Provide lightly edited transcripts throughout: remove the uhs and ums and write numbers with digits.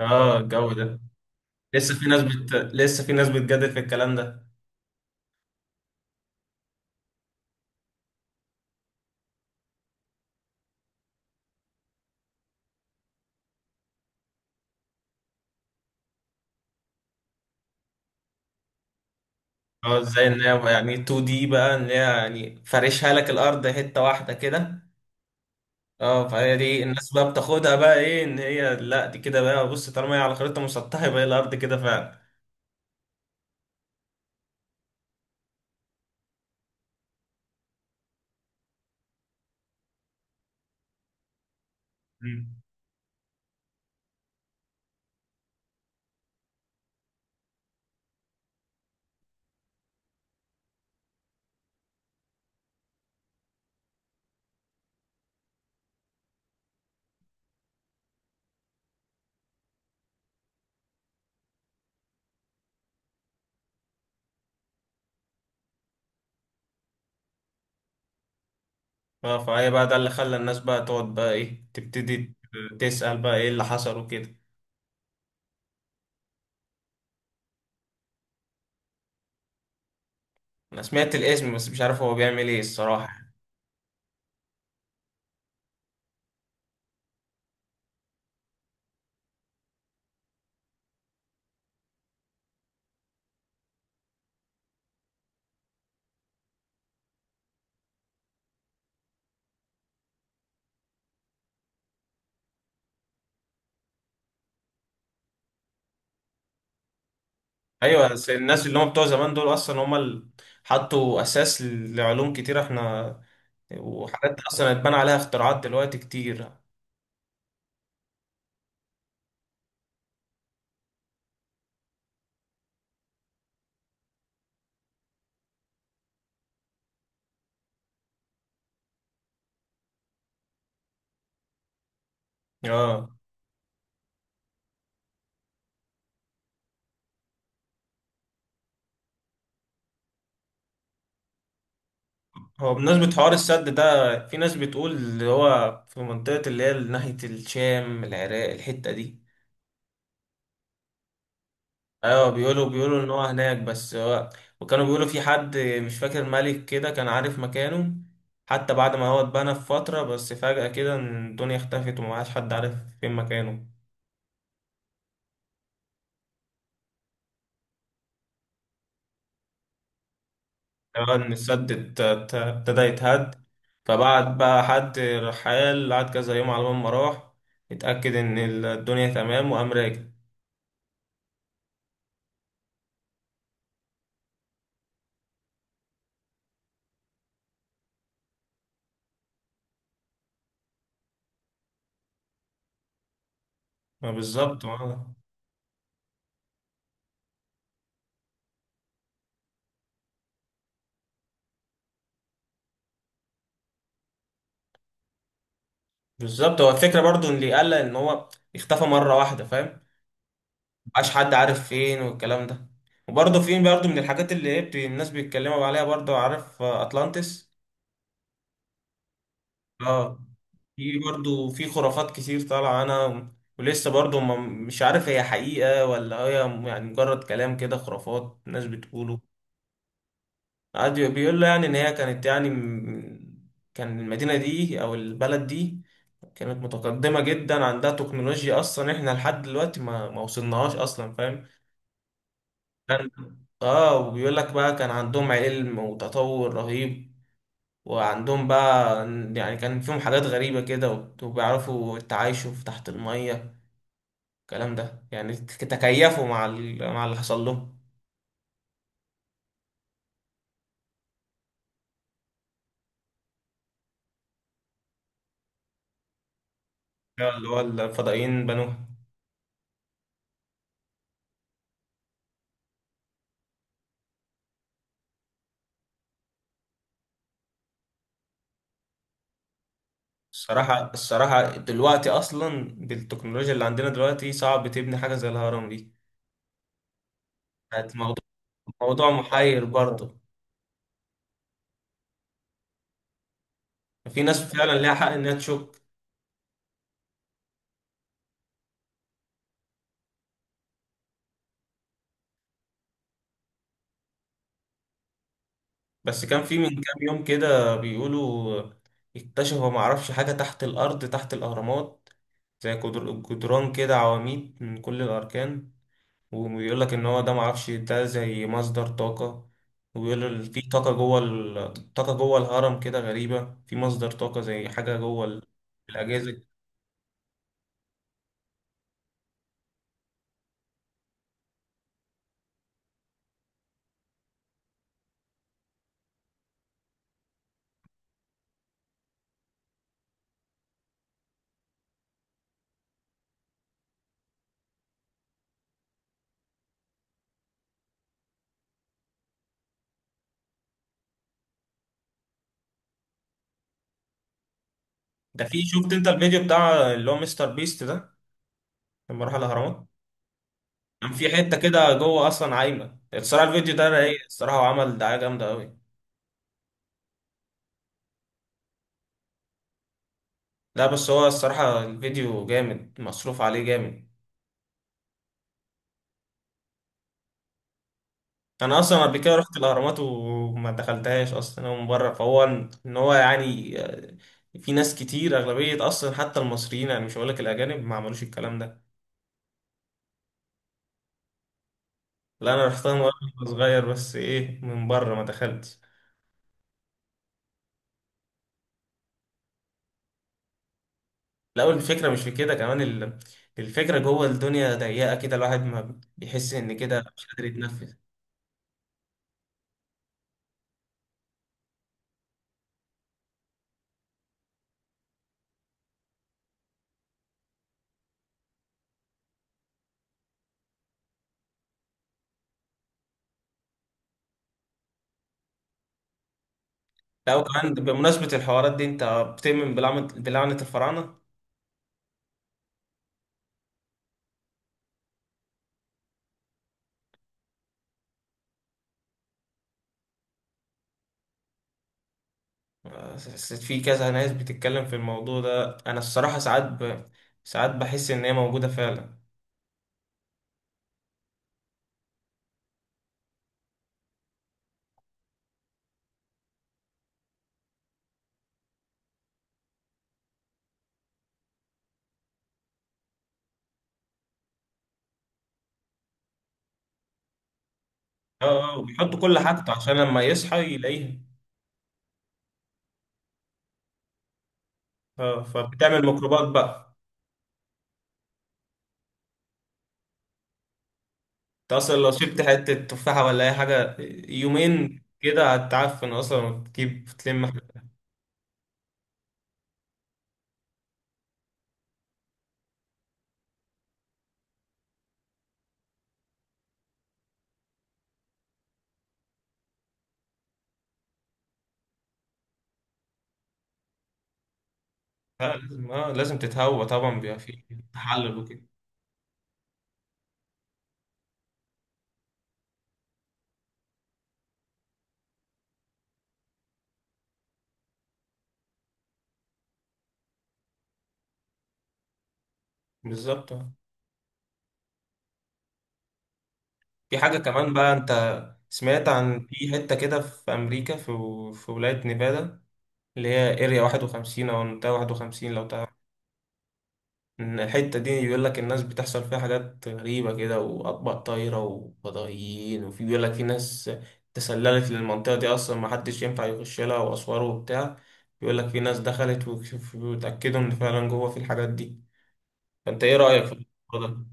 اه الجو ده. لسه في ناس بتجادل في الكلام ده. اه، ازاي ان هي يعني 2 دي بقى، ان هي يعني فارشها لك الارض حته واحده كده. اه، فهي دي الناس بقى بتاخدها بقى ايه، ان هي لا دي كده، بقى بص طالما هي على خريطه مسطحه يبقى هي الارض كده فعلا. مم. اه فهي بقى ده اللي خلى الناس بقى تقعد بقى ايه، تبتدي تسأل بقى ايه اللي حصل وكده. انا سمعت الاسم بس مش عارف هو بيعمل ايه الصراحه. ايوه، بس الناس اللي هم بتوع زمان دول اصلا هم اللي حطوا اساس لعلوم كتير احنا، وحاجات اصلا اتبنى عليها اختراعات دلوقتي كتير. اه، هو بمناسبة حوار السد ده، في ناس بتقول اللي هو في منطقة اللي هي ناحية الشام العراق الحتة دي. ايوه بيقولوا، بيقولوا ان هو هناك، بس هو وكانوا بيقولوا في حد مش فاكر ملك كده كان عارف مكانه. حتى بعد ما هو اتبنى في فترة، بس فجأة كده الدنيا اختفت ومبقاش حد عارف فين مكانه. اه ان السد ابتدى يتهد. فبعد بقى حد رحال قعد كذا يوم على ما راح اتأكد ان الدنيا تمام وقام راجع. ما بالظبط اه. بالظبط، هو الفكرة برضو ان اللي قلق ان هو اختفى مرة واحدة، فاهم. مبقاش حد عارف فين والكلام ده. وبرضه في برضه من الحاجات اللي ايه الناس بيتكلموا عليها برضه، عارف أطلانتس. اه، في برضو في خرافات كتير طالعة. انا ولسه برضو ما مش عارف هي حقيقة ولا هي يعني مجرد كلام كده، خرافات ناس بتقوله. قعد بيقول له يعني ان هي كانت يعني كان المدينة دي او البلد دي كانت متقدمة جدا، عندها تكنولوجيا اصلا احنا لحد دلوقتي ما وصلناهاش اصلا، فاهم. كان- اه، وبيقول لك بقى كان عندهم علم وتطور رهيب، وعندهم بقى يعني كان فيهم حاجات غريبة كده وبيعرفوا التعايشوا في تحت المية. الكلام ده يعني تكيفوا مع مع اللي حصل لهم. اللي هو الفضائيين بنوها. الصراحة، الصراحة دلوقتي أصلا بالتكنولوجيا اللي عندنا دلوقتي صعب تبني حاجة زي الهرم دي. بقت موضوع، موضوع محير برضه. في ناس فعلا ليها حق إنها تشك. بس كان في من كام يوم كده بيقولوا اكتشفوا معرفش حاجة تحت الأرض تحت الأهرامات، زي جدران كده، عواميد من كل الأركان. وبيقول لك إن هو ده معرفش ده زي مصدر طاقة. وبيقول في طاقة جوه طاقة جوه الهرم كده غريبة، في مصدر طاقة زي حاجة جوه الأجهزة. ده في، شفت أنت الفيديو بتاع اللي هو مستر بيست ده لما راح الأهرامات؟ كان في حتة كده جوه أصلا عايمة. الصراحة الفيديو ده رايق الصراحة، وعمل دعاية جامدة أوي. لا بس هو الصراحة الفيديو جامد، مصروف عليه جامد. أنا أصلا قبل كده رحت الأهرامات وما دخلتهاش أصلا، هو من بره. فهو إن هو يعني في ناس كتير أغلبية أصلا حتى المصريين، يعني مش هقولك الأجانب ما عملوش الكلام ده. لا أنا رحتها مرة وأنا صغير، بس إيه من بره ما دخلتش. لا والفكرة مش في كده كمان الفكرة جوه الدنيا ضيقة كده، الواحد ما بيحس إن كده مش قادر يتنفس. لا وكمان بمناسبة الحوارات دي، أنت بتؤمن بلعنة، بلعنة الفراعنة؟ حسيت في كذا ناس بتتكلم في الموضوع ده، انا الصراحة ساعات ب... ساعات بحس ان هي موجودة فعلا. اه اه، بيحط كل حاجته عشان لما يصحى يلاقيها. اه فبتعمل ميكروبات بقى. انت اصلا لو شلت حتة تفاحة ولا اي حاجة يومين كده هتعفن اصلا وتجيب تلم حاجة. لا، لازم، اه لازم تتهوى طبعا، بيبقى في تحلل وكده. بالظبط اه. في حاجة كمان بقى، انت سمعت عن في حتة كده في امريكا، في في ولاية نيفادا اللي هي اريا 51 او منطقة 51 لو تعرف. إن الحتة دي بيقول لك الناس بتحصل فيها حاجات غريبة كده، وأطباق طايرة وفضائيين، وفي بيقول لك في ناس تسللت للمنطقة دي أصلا محدش ينفع يخش لها، وأسوار وبتاع. بيقول لك في ناس دخلت وتأكدوا إن فعلا جوه في الحاجات دي. فأنت إيه رأيك في الموضوع ده؟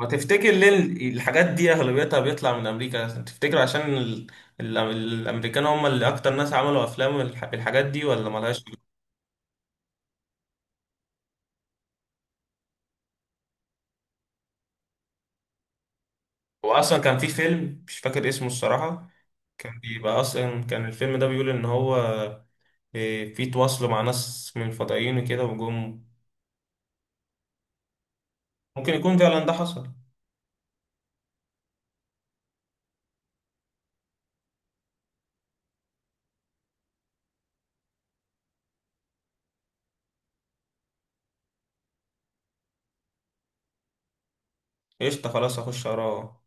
ما تفتكر ليه الحاجات دي أغلبيتها بيطلع من أمريكا؟ تفتكر عشان الأمريكان هم اللي أكتر ناس عملوا أفلام بالحاجات دي، ولا ملهاش؟ هو اصلا كان في فيلم مش فاكر اسمه الصراحه، كان بيبقى اصلا كان الفيلم ده بيقول ان هو في تواصلوا مع ناس من الفضائيين وكده وجم. ممكن يكون فعلا ده حصل. قشطه، خلاص هخش اقراه.